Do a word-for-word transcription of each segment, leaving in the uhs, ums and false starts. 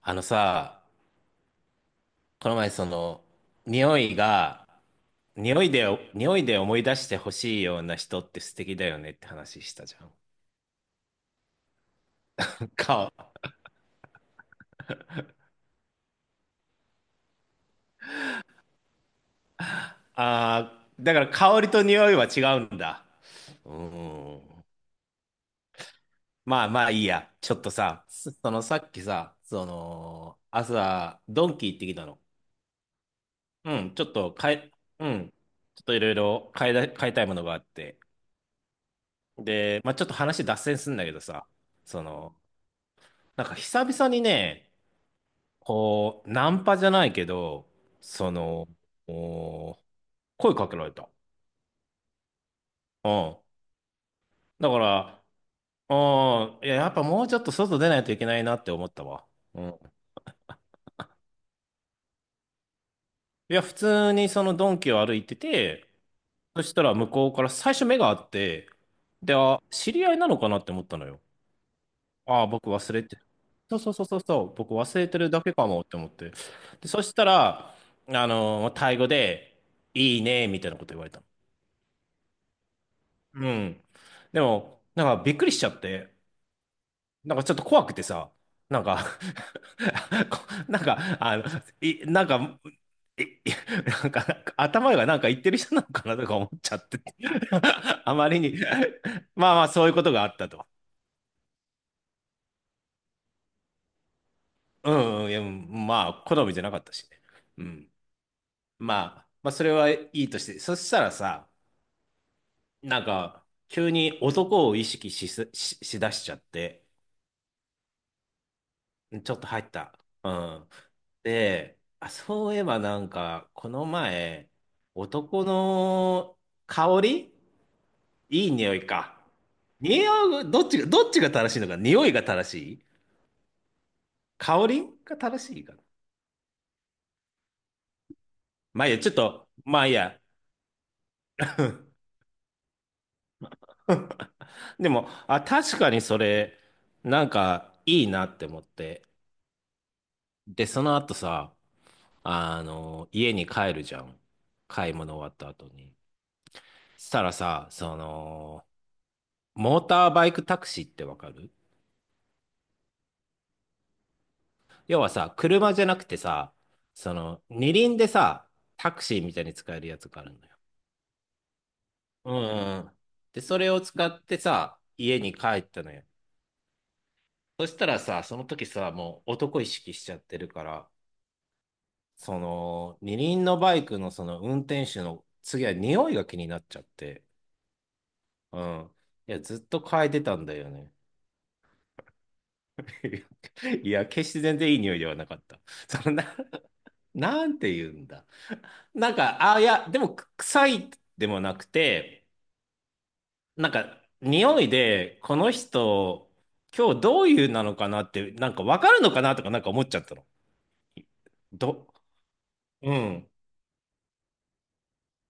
あのさ、この前その、匂いが、匂いで、匂いで思い出してほしいような人って素敵だよねって話したじゃん。か、あー、だから香りと匂いは違うんだ。うーん。まあまあいいや。ちょっとさ、そそのさっきさ、その、朝、ドンキ行ってきたの。うん、ちょっと変え、うん、ちょっといろいろ変えだ、変えたいものがあって。で、まあちょっと話脱線するんだけどさ、その、なんか久々にね、こう、ナンパじゃないけど、その、お声かけられた。うん。だから、うん、いや、やっぱもうちょっと外出ないといけないなって思ったわ。うん。いや、普通にそのドンキを歩いてて、そしたら向こうから最初目があって、で、あ、知り合いなのかなって思ったのよ。ああ、僕忘れてる。そうそうそうそうそう、僕忘れてるだけかもって思って。で、そしたら、あのタイ語で、いいね、みたいなこと言われた。うん。でも、なんかびっくりしちゃって、なんかちょっと怖くてさ、なんか こなんか、あの、い、なんか、い、いなんか、頭がなんか言ってる人なのかなとか思っちゃって、あまりに。まあまあ、そういうことがあったと。うん、うん、いや、うんまあ、好みじゃなかったしね。うん。まあ、まあ、それはいいとして、そしたらさ、なんか、急に男を意識しす、し、しだしちゃって、ちょっと入った。うん。で、あ、そういえばなんか、この前、男の香りいい匂いか。匂い、どっちが、どっちが正しいのか、匂いが正しい香りが正しいかな。まあいいや、ちょっと、まあいいや。でも、あ、確かにそれ、なんか、いいなって思って。で、その後さ、あの、家に帰るじゃん。買い物終わった後に。したらさ、その、モーターバイクタクシーってわかる？要はさ、車じゃなくてさ、その、二輪でさ、タクシーみたいに使えるやつがあるのよ。うんうん。で、それを使ってさ、家に帰ったのよ。そしたらさ、その時さ、もう男意識しちゃってるから、その、二輪のバイクのその運転手の次は匂いが気になっちゃって、うん。いや、ずっと嗅いでたんだよね。いや、決して全然いい匂いではなかった。そのな、なんて言うんだ。なんか、あ、いや、でも、く臭いでもなくて、なんか、匂いで、この人、今日どういうなのかなって、なんか分かるのかなとか、なんか思っちゃったの。ど、うん。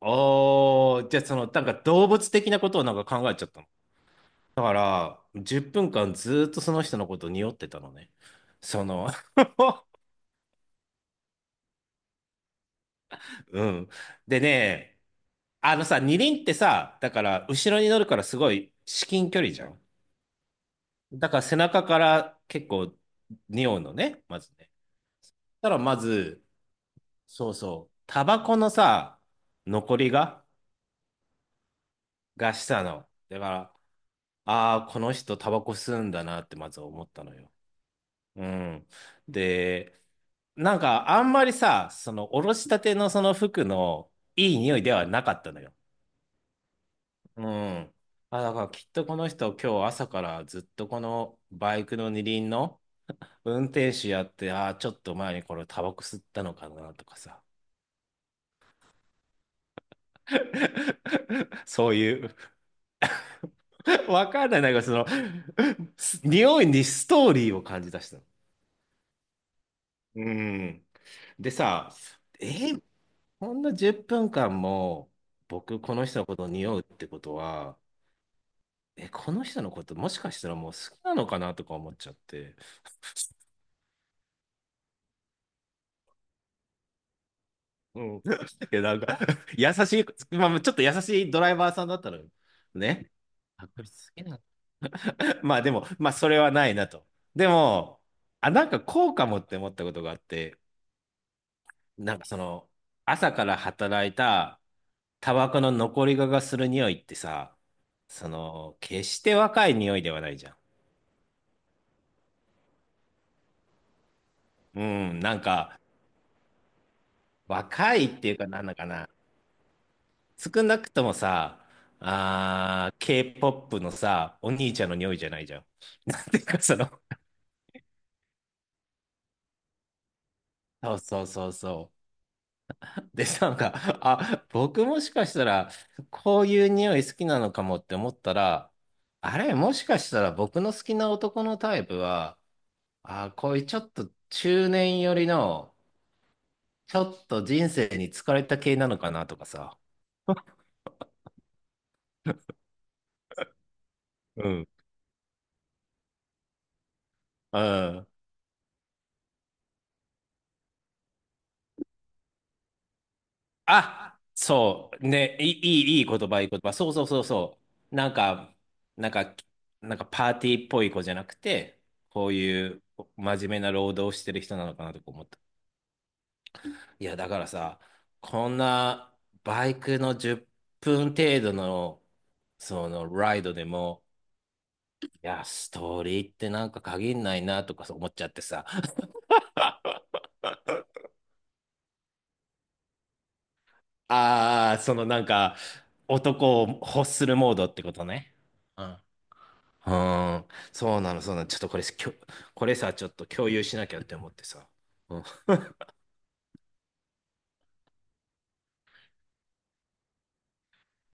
おー、じゃあその、なんか動物的なことをなんか考えちゃったの。だから、じゅっぷんかんずーっとその人のこと匂ってたのね。その うん。でね、あのさ、二輪ってさ、だから、後ろに乗るからすごい至近距離じゃん。だから背中から結構匂うのね、まずね。そしたらまず、そうそう、タバコのさ、残りが、がしたの。だから、ああ、この人タバコ吸うんだなってまず思ったのよ。うん。で、なんかあんまりさ、そのおろしたてのその服のいい匂いではなかったのよ。うん。あ、だからきっとこの人今日朝からずっとこのバイクの二輪の運転手やって、ああ、ちょっと前にこれタバコ吸ったのかなとかさ。そういう。わかんない。なんかその、す匂いにストーリーを感じ出したの。うん。でさ、えーこんなじゅっぷんかんも僕この人のことを匂うってことは、え、この人のこともしかしたらもう好きなのかなとか思っちゃって。うん。いや、なんか優しい、まあ、ちょっと優しいドライバーさんだったのよ。ね。あ、これ好きな？ まあでも、まあそれはないなと。でも、あ、なんかこうかもって思ったことがあって、なんかその、朝から働いたタバコの残り香がする匂いってさ、その、決して若い匂いではないじゃん。うん、なんか、若いっていうかなんだかな。少なくともさ、あー、K-ケーポップ のさ、お兄ちゃんの匂いじゃないじゃん。なんていうかその、そうそうそうそう。で、なんか、あ、僕もしかしたら、こういう匂い好きなのかもって思ったら、あれ、もしかしたら僕の好きな男のタイプは、あ、こういうちょっと中年寄りの、ちょっと人生に疲れた系なのかなとかさ。うん。うん。あ、そう。ね、いい、いいいい言葉、いい言葉。そうそうそうそう。なんか、なんか、なんかパーティーっぽい子じゃなくて、こういう真面目な労働をしてる人なのかなとか思っ。いや、だからさ、こんなバイクのじゅっぷん程度の、そのライドでも、いや、ストーリーってなんか限んないなとか思っちゃってさ。ああ、そのなんか、男を欲するモードってことね。うん。うーん、そうなの、そうなの。ちょっとこれ、きょ、これさ、ちょっと共有しなきゃって思ってさ。うん。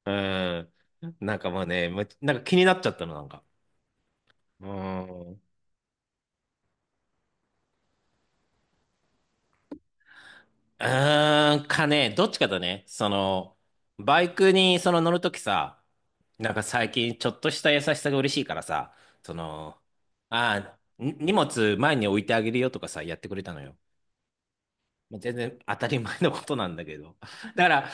うんなんかまあね、むなんか気になっちゃったの、なんか。うん。うーん、かね、どっちかだね。その、バイクにその乗るときさ、なんか最近ちょっとした優しさが嬉しいからさ、その、ああ、に荷物前に置いてあげるよとかさ、やってくれたのよ。まあ全然当たり前のことなんだけど。だから、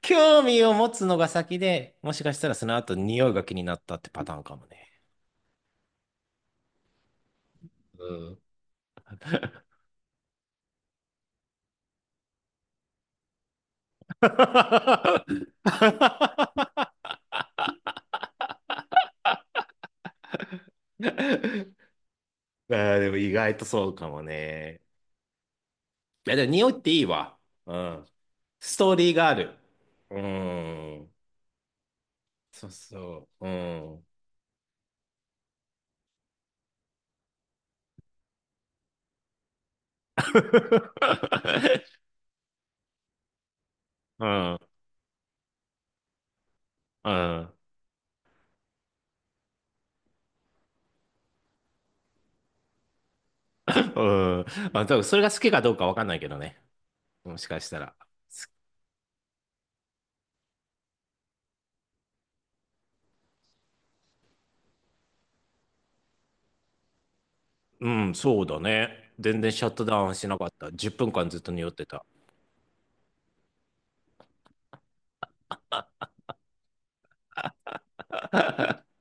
興味を持つのが先で、もしかしたらその後匂いが気になったってパターンかもね。うん。ああ、でも意外とそうかもね。いや、でも匂いっていいわ。うん。ストーリーがある。うん。そうそう。うん。うん。うん。うん。まあ、多分それが好きかどうかわかんないけどね。もしかしたら。すうん、そうだね。全然シャットダウンしなかった。じゅっぷんかんずっと匂ってた。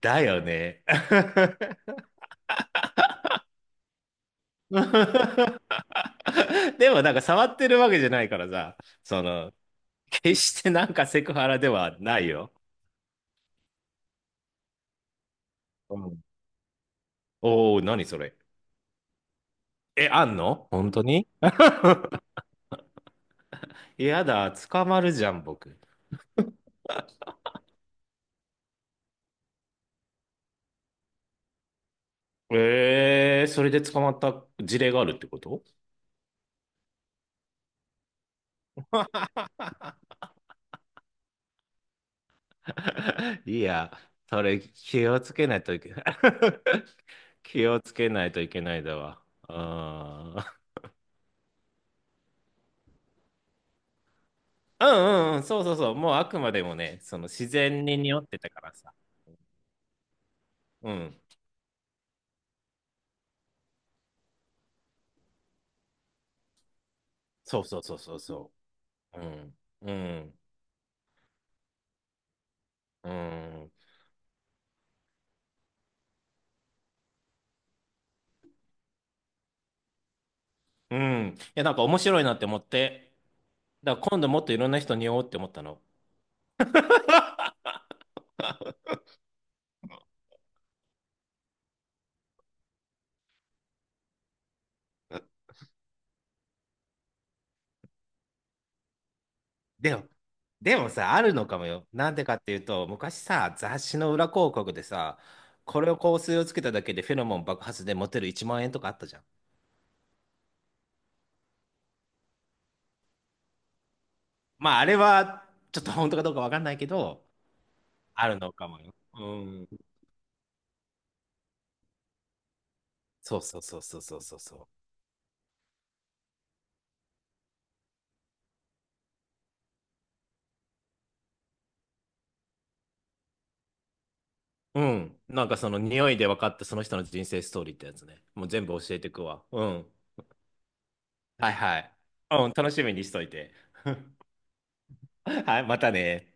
だよね。でもなんか触ってるわけじゃないからさ、その、決してなんかセクハラではないよ。うん。おお、何それ。え、あんの本当に？やだ、捕まるじゃん、僕。ええ、それで捕まった事例があるってこと？ いや、それ気をつけないといけない。気をつけないといけないだわ。あー、うんうんうん、そうそうそう。もうあくまでもね、その自然に匂ってたからさ。うん。そうそうそうそうそう。うん。うん。うん。うん。いや、なんか面白いなって思って。だから今度もっといろんな人に会おうって思ったの。でも、でもさ、あるのかもよ。なんでかっていうと、昔さ、雑誌の裏広告でさ、これを香水をつけただけでフェロモン爆発でモテるいちまんえん円とかあったじゃん。まあ、あれは、ちょっと本当かどうかわかんないけど、あるのかもよ。うん。そうそうそうそうそうそうそう。うん。なんかその匂いで分かったその人の人生ストーリーってやつね。もう全部教えてくわ。うん。はいはい。うん、楽しみにしといて。はい、またね。